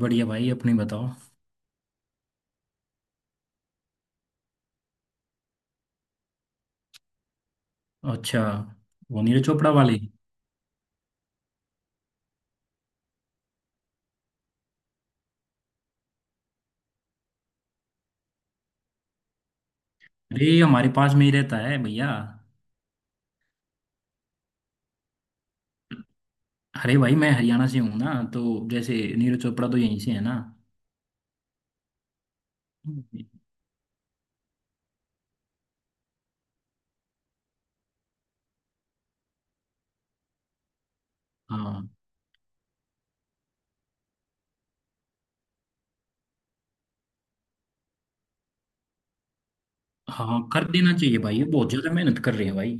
बढ़िया भाई, अपनी बताओ। अच्छा, वो नीरज चोपड़ा वाली। अरे ये हमारे पास में ही रहता है, भैया। अरे भाई, मैं हरियाणा से हूँ ना, तो जैसे नीरज चोपड़ा तो यहीं से है ना। हाँ हाँ, कर देना चाहिए भाई, ये बहुत ज्यादा मेहनत कर रहे हैं भाई।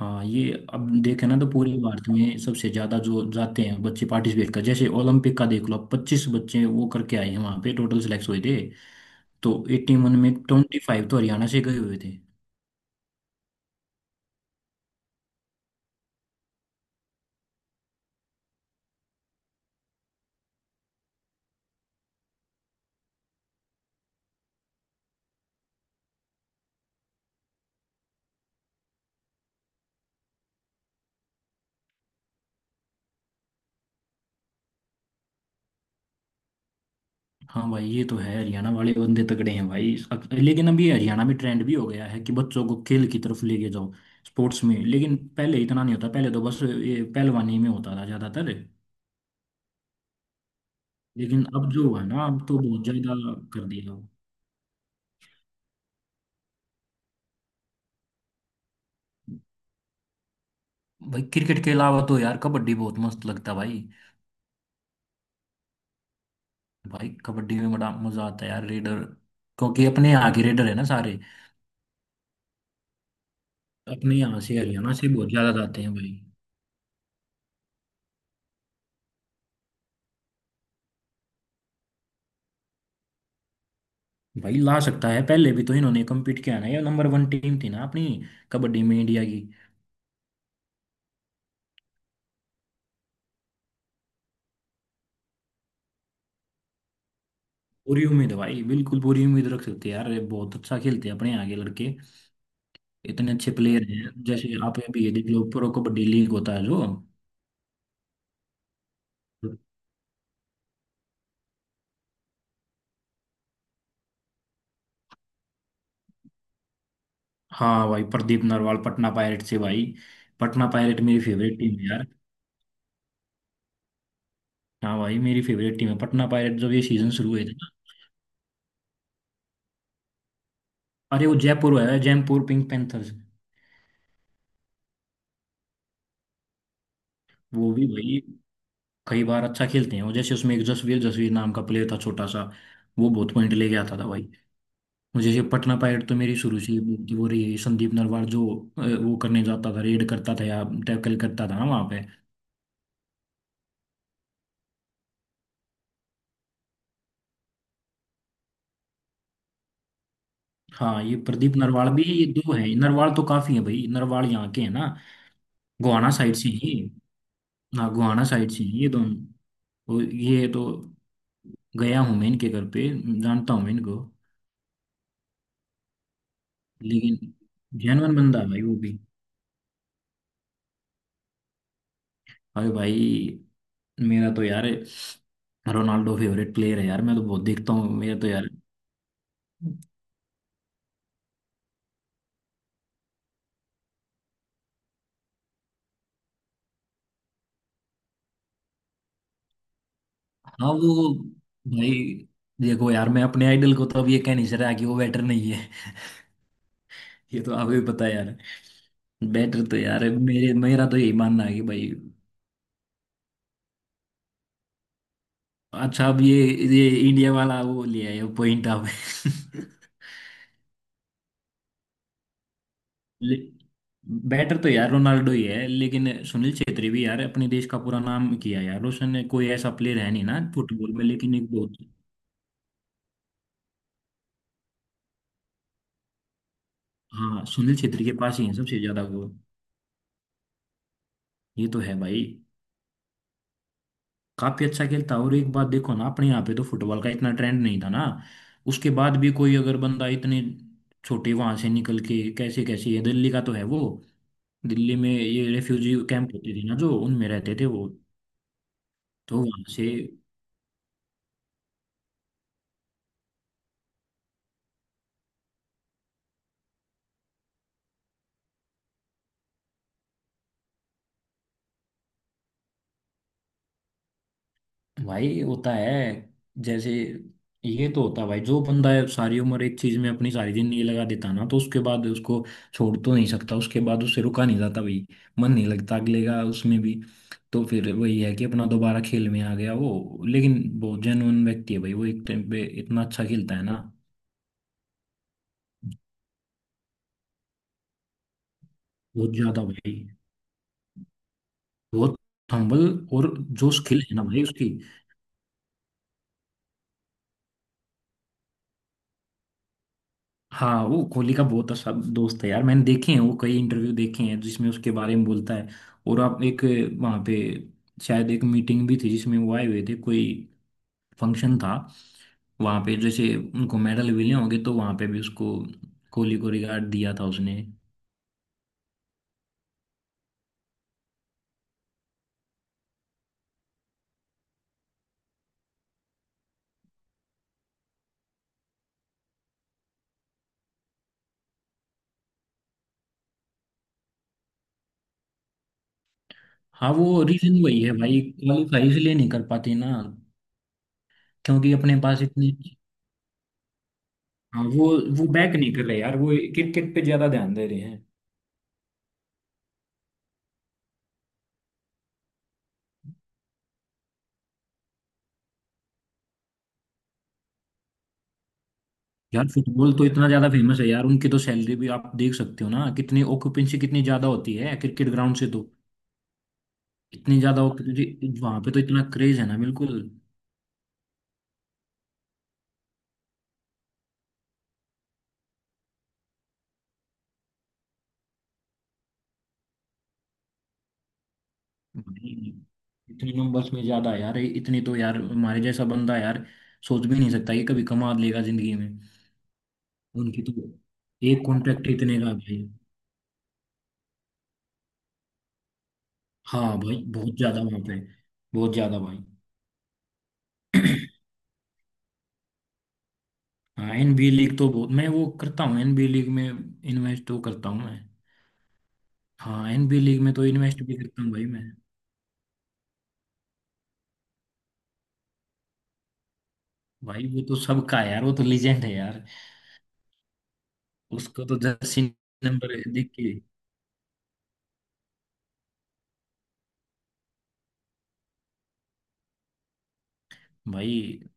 हाँ, ये अब देखे ना तो पूरे भारत में सबसे ज्यादा जो जाते हैं बच्चे पार्टिसिपेट कर, जैसे ओलंपिक का देख लो, 25 बच्चे वो करके आए हैं, वहां पे टोटल सिलेक्ट हुए थे तो 81 में 25 तो हरियाणा से गए हुए थे। हाँ भाई, ये तो है, हरियाणा वाले बंदे तगड़े हैं भाई। लेकिन अभी हरियाणा में ट्रेंड भी हो गया है कि बच्चों को खेल की तरफ लेके जाओ, स्पोर्ट्स में। लेकिन पहले इतना नहीं होता, पहले तो बस ये पहलवानी में होता था ज्यादातर। लेकिन अब जो है ना, अब तो बहुत ज्यादा कर दिया। भाई क्रिकेट के अलावा तो यार कबड्डी बहुत मस्त लगता है भाई। भाई कबड्डी में बड़ा मजा आता है यार, रेडर, क्योंकि अपने यहाँ के रेडर है ना सारे। अपने यहाँ से, हरियाणा से बहुत ज्यादा जाते हैं भाई। भाई ला सकता है, पहले भी तो इन्होंने कम्पीट किया ना, ये नंबर वन टीम थी ना अपनी, कबड्डी में, इंडिया की। पूरी उम्मीद है भाई, बिल्कुल पूरी उम्मीद रख सकते हैं यार, ये बहुत अच्छा खेलते हैं अपने आगे लड़के। इतने अच्छे प्लेयर हैं, जैसे आप ये भी ये देख लो, प्रो कबड्डी लीग होता है जो। हाँ भाई, प्रदीप नरवाल, पटना पायरेट से भाई। पटना पायरेट मेरी फेवरेट टीम है यार। हाँ भाई, मेरी फेवरेट टीम है पटना पायरेट, जब ये सीजन शुरू हुए थे ना। अरे वो जयपुर है, जयपुर पिंक पैंथर्स। वो भी भाई कई बार अच्छा खेलते हैं, वो जैसे उसमें एक जसवीर, जसवीर नाम का प्लेयर था छोटा सा, वो बहुत पॉइंट लेके आता था भाई। मुझे जैसे पटना पायरेट तो मेरी शुरू से ही बहुत वो रही है। संदीप नरवार जो वो करने जाता था, रेड करता था या टैकल करता था ना वहां पे। हाँ ये प्रदीप नरवाल भी, ये दो है नरवाल तो, काफी है भाई, नरवाल यहाँ के है ना, गोहाना साइड से ही। हाँ, गोहाना साइड से ही ये दोनों। और ये तो गया हूँ मैं इनके घर पे, जानता हूँ मैं इनको। लेकिन जेनवन बंदा है भाई वो भी। अरे भाई, मेरा तो यार रोनाल्डो फेवरेट प्लेयर है यार, मैं तो बहुत देखता हूँ, मेरा तो यार। हाँ वो, भाई देखो यार, मैं अपने आइडल को तो अब ये कह नहीं सकता कि वो बेटर नहीं है। ये तो आपको भी पता है यार। बेटर तो यार, मेरे मेरा तो यही मानना है कि भाई। अच्छा, अब ये इंडिया वाला वो लिया है पॉइंट आप। ले- बेटर तो यार रोनाल्डो ही है, लेकिन सुनील छेत्री भी यार अपने देश का पूरा नाम किया यार उसने, कोई ऐसा प्लेयर है नहीं ना फुटबॉल में, लेकिन एक बहुत। हाँ, सुनील छेत्री के पास ही है सबसे ज्यादा गोल। ये तो है भाई, काफी अच्छा खेलता है। और एक बात देखो ना, अपने यहाँ पे तो फुटबॉल का इतना ट्रेंड नहीं था ना, उसके बाद भी कोई अगर बंदा इतने छोटे वहां से निकल के, कैसे कैसे ये दिल्ली का तो है वो, दिल्ली में ये रेफ्यूजी कैंप होते थे ना, जो उनमें रहते थे वो, तो वहां से। भाई होता है, जैसे, ये तो होता है भाई। जो बंदा है सारी उम्र एक चीज में अपनी सारी जिंदगी लगा देता ना, तो उसके बाद उसको छोड़ तो नहीं सकता, उसके बाद उससे रुका नहीं जाता भाई, मन नहीं लगता अगले का उसमें भी। तो फिर वही है कि अपना दोबारा खेल में आ गया वो। लेकिन बहुत जेन्युइन व्यक्ति है भाई वो, एक टाइम पे इतना अच्छा खेलता है ना। बहुत ज्यादा भाई, बहुत हम्बल। और जो स्किल है ना भाई उसकी। हाँ, वो कोहली का बहुत अच्छा दोस्त है यार, मैंने देखे हैं, वो कई इंटरव्यू देखे हैं जिसमें उसके बारे में बोलता है। और आप एक, वहाँ पे शायद एक मीटिंग भी थी जिसमें वो आए हुए थे, कोई फंक्शन था, वहाँ पे जैसे उनको मेडल मिले होंगे तो वहाँ पे भी उसको, कोहली को रिगार्ड दिया था उसने। हाँ, वो रीजन वही है भाई, क्वालिफाई इसलिए नहीं कर पाती ना, क्योंकि अपने पास इतनी। हाँ वो बैक नहीं कर रहे यार, वो क्रिकेट पे ज्यादा ध्यान दे रहे हैं। यार फुटबॉल तो इतना ज्यादा फेमस है यार, उनकी तो सैलरी भी आप देख सकते हो ना, कितनी ऑक्यूपेंसी कितनी ज्यादा होती है क्रिकेट ग्राउंड से तो। इतनी ज्यादा ऑक्यूपेंसी वहां पे, तो इतना क्रेज है ना बिल्कुल। भाई, इतने नंबर्स में ज्यादा है यार, इतनी तो यार हमारे जैसा बंदा यार सोच भी नहीं सकता ये कभी कमा लेगा जिंदगी में, उनकी तो एक कॉन्ट्रैक्ट इतने का भाई। हाँ भाई बहुत ज्यादा वहां पे, बहुत ज्यादा भाई। हाँ, एनबी लीग तो बहुत मैं वो करता हूँ, एनबी लीग में इन्वेस्ट तो करता हूँ मैं। हाँ, एनबीए लीग में तो इन्वेस्ट भी करता हूँ भाई मैं। भाई वो तो सबका है यार, वो तो लीजेंड है यार। उसको तो जर्सी नंबर देख के। भाई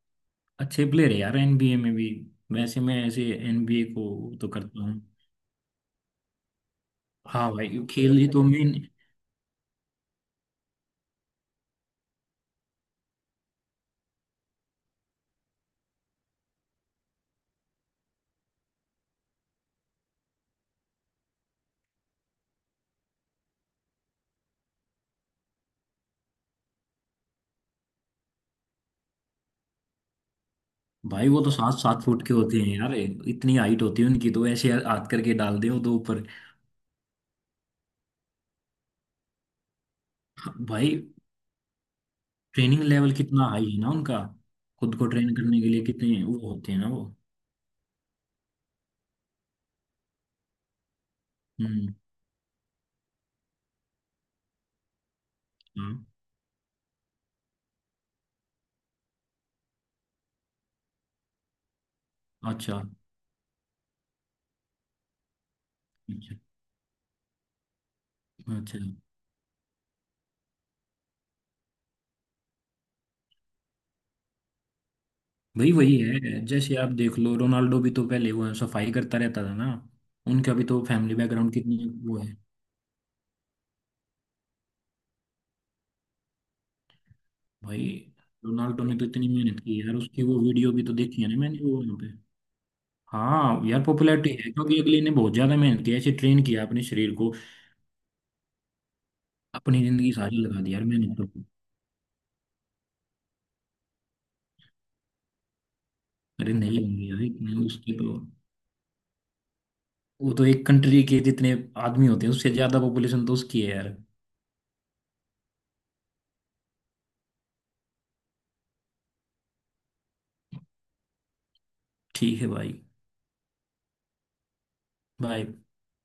अच्छे प्लेयर है यार एनबीए में भी। वैसे मैं ऐसे एनबीए को तो करता हूँ। हाँ भाई, वो खेल ही तो मेन। भाई वो तो 7-7 फुट के होते हैं यार, इतनी हाइट होती है उनकी, तो ऐसे हाथ करके डाल दे वो तो ऊपर। भाई ट्रेनिंग लेवल कितना हाई है ना उनका, खुद को ट्रेन करने के लिए कितने वो होते हैं ना वो। हम्म। हाँ। अच्छा अच्छा अच्छा। वही वही है, जैसे आप देख लो, रोनाल्डो भी तो पहले वो सफाई करता रहता था ना, उनका भी तो फैमिली बैकग्राउंड कितनी। वो है भाई, रोनाल्डो ने तो इतनी मेहनत की यार, उसकी वो वीडियो भी तो देखी है ना मैंने, वो वहाँ पे। हाँ यार, पॉपुलैरिटी है क्योंकि अगले ने बहुत ज्यादा मेहनत की, ऐसे ट्रेन किया अपने शरीर को, अपनी जिंदगी सारी लगा दी यार मेहनत तो। अरे नहीं, होंगी यार इतने उसके तो, वो तो एक कंट्री के जितने आदमी होते हैं उससे ज्यादा पॉपुलेशन तो उसकी है यार। ठीक है भाई। बाय।